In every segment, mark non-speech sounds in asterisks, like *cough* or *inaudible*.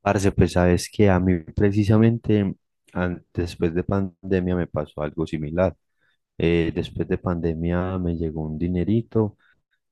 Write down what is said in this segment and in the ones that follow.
Parce, pues sabes que a mí precisamente después de pandemia me pasó algo similar. Después de pandemia me llegó un dinerito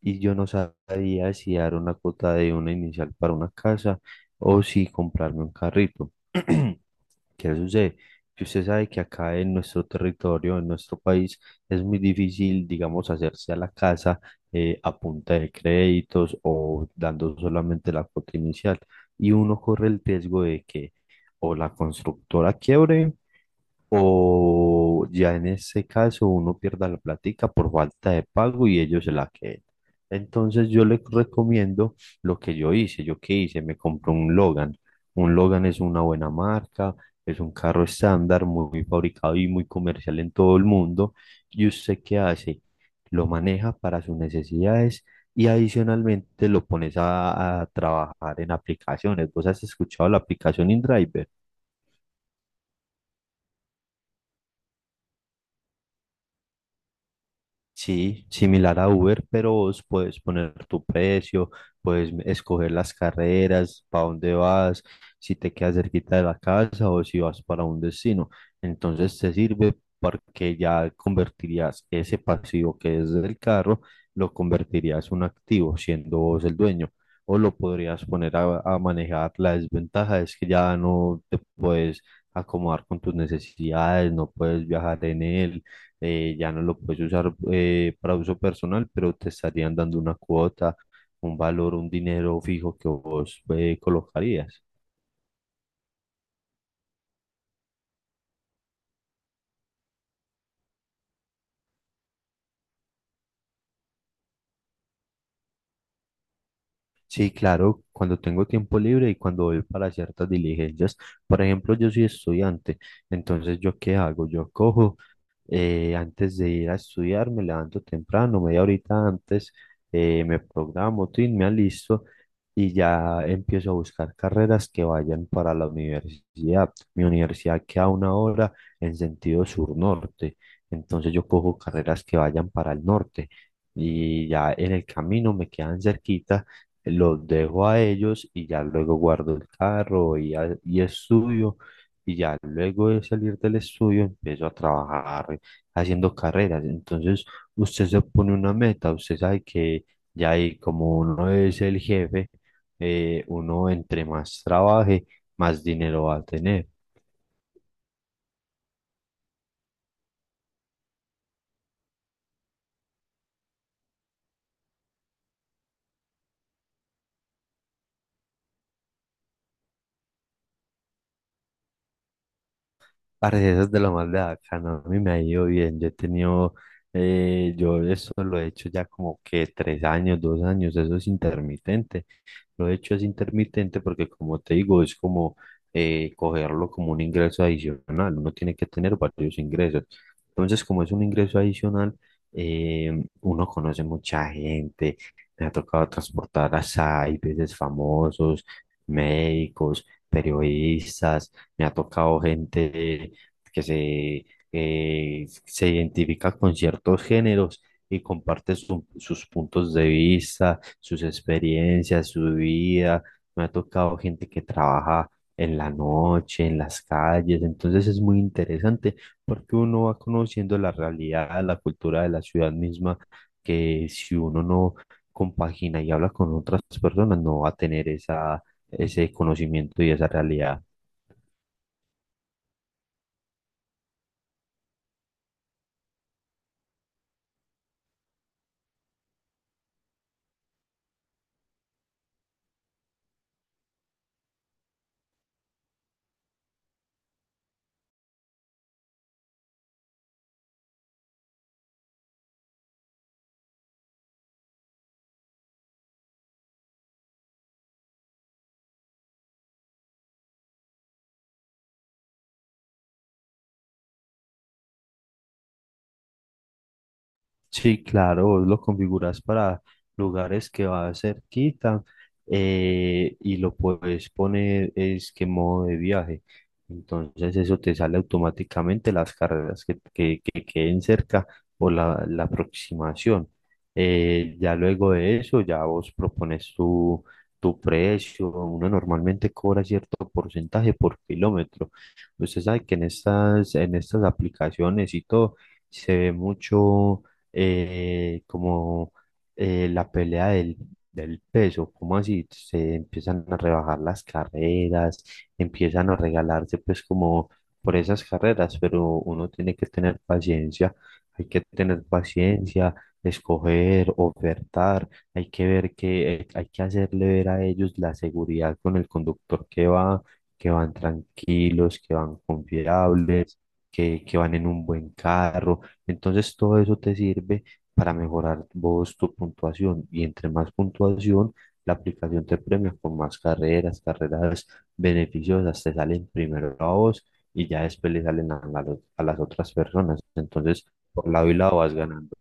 y yo no sabía si dar una cuota de una inicial para una casa o si comprarme un carrito. *clears throat* ¿Qué sucede? Que usted sabe que acá en nuestro territorio, en nuestro país, es muy difícil, digamos, hacerse a la casa a punta de créditos o dando solamente la cuota inicial. Y uno corre el riesgo de que o la constructora quiebre o ya en este caso uno pierda la plática por falta de pago y ellos se la queden. Entonces yo les recomiendo lo que yo hice. ¿Yo qué hice? Me compré un Logan. Un Logan es una buena marca, es un carro estándar, muy fabricado y muy comercial en todo el mundo. ¿Y usted qué hace? Lo maneja para sus necesidades y adicionalmente lo pones a trabajar en aplicaciones. ¿Vos has escuchado la aplicación InDriver? Sí, similar a Uber, pero vos puedes poner tu precio, escoger las carreras, para dónde vas, si te quedas cerquita de la casa o si vas para un destino. Entonces te sirve porque ya convertirías ese pasivo que es del carro, lo convertirías en un activo, siendo vos el dueño. O lo podrías poner a manejar. La desventaja es que ya no te puedes acomodar con tus necesidades, no puedes viajar en él, ya no lo puedes usar para uso personal, pero te estarían dando una cuota, un valor, un dinero fijo que vos colocarías. Sí, claro, cuando tengo tiempo libre y cuando voy para ciertas diligencias, por ejemplo, yo soy estudiante, entonces ¿yo qué hago? Yo cojo, antes de ir a estudiar, me levanto temprano, media horita antes, me programo, tin, me alisto y ya empiezo a buscar carreras que vayan para la universidad. Mi universidad queda a una hora en sentido sur-norte, entonces yo cojo carreras que vayan para el norte y ya en el camino me quedan cerquita. Los dejo a ellos y ya luego guardo el carro y y estudio, y ya luego de salir del estudio empiezo a trabajar haciendo carreras. Entonces, usted se pone una meta, usted sabe que ya ahí, como uno es el jefe, uno entre más trabaje, más dinero va a tener. Parce, eso es de lo más de bacano. A mí me ha ido bien. Yo he tenido, yo eso lo he hecho ya como que tres años, dos años. Eso es intermitente. Lo he hecho es intermitente porque, como te digo, es como cogerlo como un ingreso adicional. Uno tiene que tener varios ingresos. Entonces, como es un ingreso adicional, uno conoce mucha gente. Me ha tocado transportar a SAI, veces famosos, médicos, periodistas. Me ha tocado gente que se, se identifica con ciertos géneros y comparte sus puntos de vista, sus experiencias, su vida. Me ha tocado gente que trabaja en la noche, en las calles, entonces es muy interesante porque uno va conociendo la realidad, la cultura de la ciudad misma, que si uno no compagina y habla con otras personas, no va a tener esa, ese conocimiento y esa realidad. Sí, claro, vos lo configuras para lugares que va cerquita, y lo puedes poner es que modo de viaje. Entonces eso te sale automáticamente las carreras que queden cerca o la aproximación. Ya luego de eso, ya vos propones tu precio. Uno normalmente cobra cierto porcentaje por kilómetro. Usted sabe que en estas aplicaciones y todo se ve mucho, como la pelea del peso, como así se empiezan a rebajar las carreras, empiezan a regalarse pues como por esas carreras, pero uno tiene que tener paciencia, hay que tener paciencia, escoger, ofertar, hay que ver que hay que hacerle ver a ellos la seguridad con el conductor que va, que van tranquilos, que van confiables, que van en un buen carro, entonces todo eso te sirve para mejorar vos tu puntuación, y entre más puntuación, la aplicación te premia con más carreras, carreras beneficiosas, te salen primero a vos y ya después le salen a las otras personas. Entonces, por lado y lado vas ganando.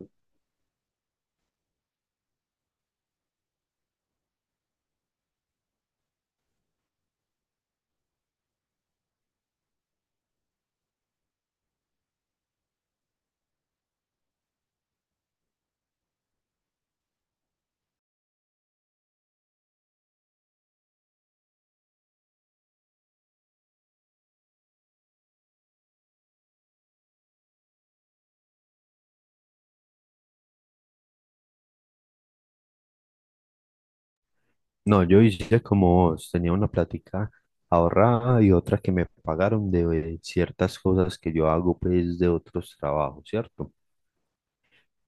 No, yo hice como vos, tenía una plática ahorrada y otra que me pagaron de ciertas cosas que yo hago pues de otros trabajos, ¿cierto?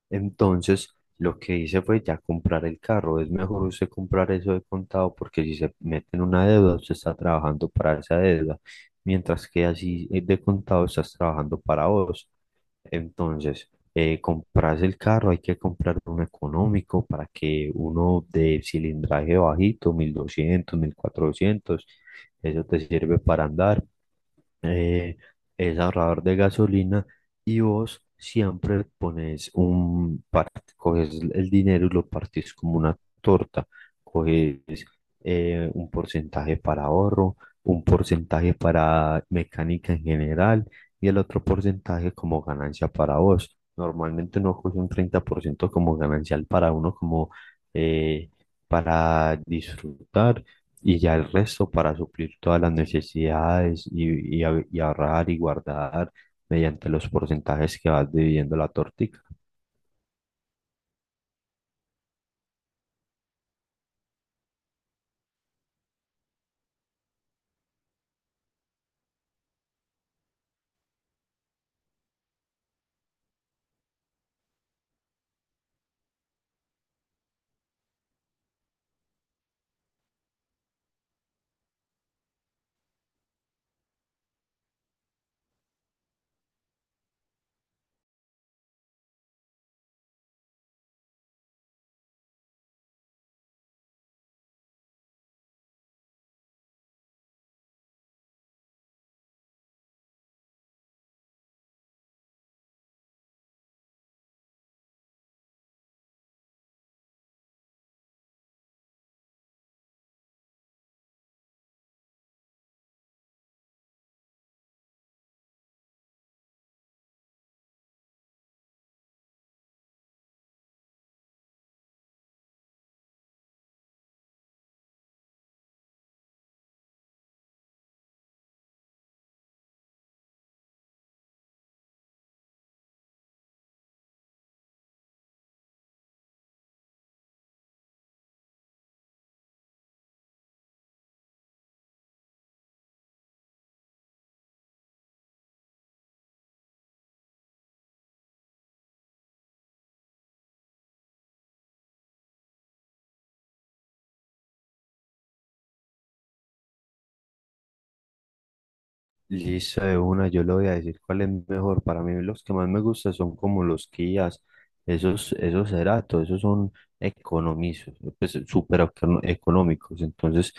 Entonces, lo que hice fue ya comprar el carro. Es mejor usted comprar eso de contado porque si se mete en una deuda, usted está trabajando para esa deuda, mientras que así, de contado estás trabajando para vos. Entonces, compras el carro, hay que comprar uno económico para que uno de cilindraje bajito, 1200, 1400 Eso te sirve para andar, eh, es ahorrador de gasolina, y vos siempre pones coges el dinero y lo partís como una torta, un porcentaje para ahorro, un porcentaje para mecánica en general y el otro porcentaje como ganancia para vos. Normalmente uno coge un 30% como ganancial para uno, como eh, para disfrutar, y ya el resto para suplir todas las necesidades y ahorrar y guardar mediante los porcentajes que vas dividiendo la torta. Listo, de una, yo le voy a decir cuál es mejor. Para mí los que más me gustan son como los Kias, esos, esos Ceratos, esos son economizos, pues económicos, entonces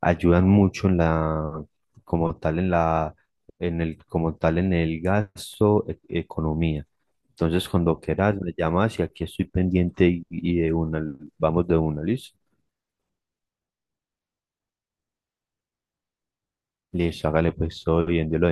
ayudan mucho en la, como tal en la, en el, como tal en el gasto, economía. Entonces cuando quieras me llamas y aquí estoy pendiente y de una, vamos de una, listo. Listo, hágale pues todo bien, yo lo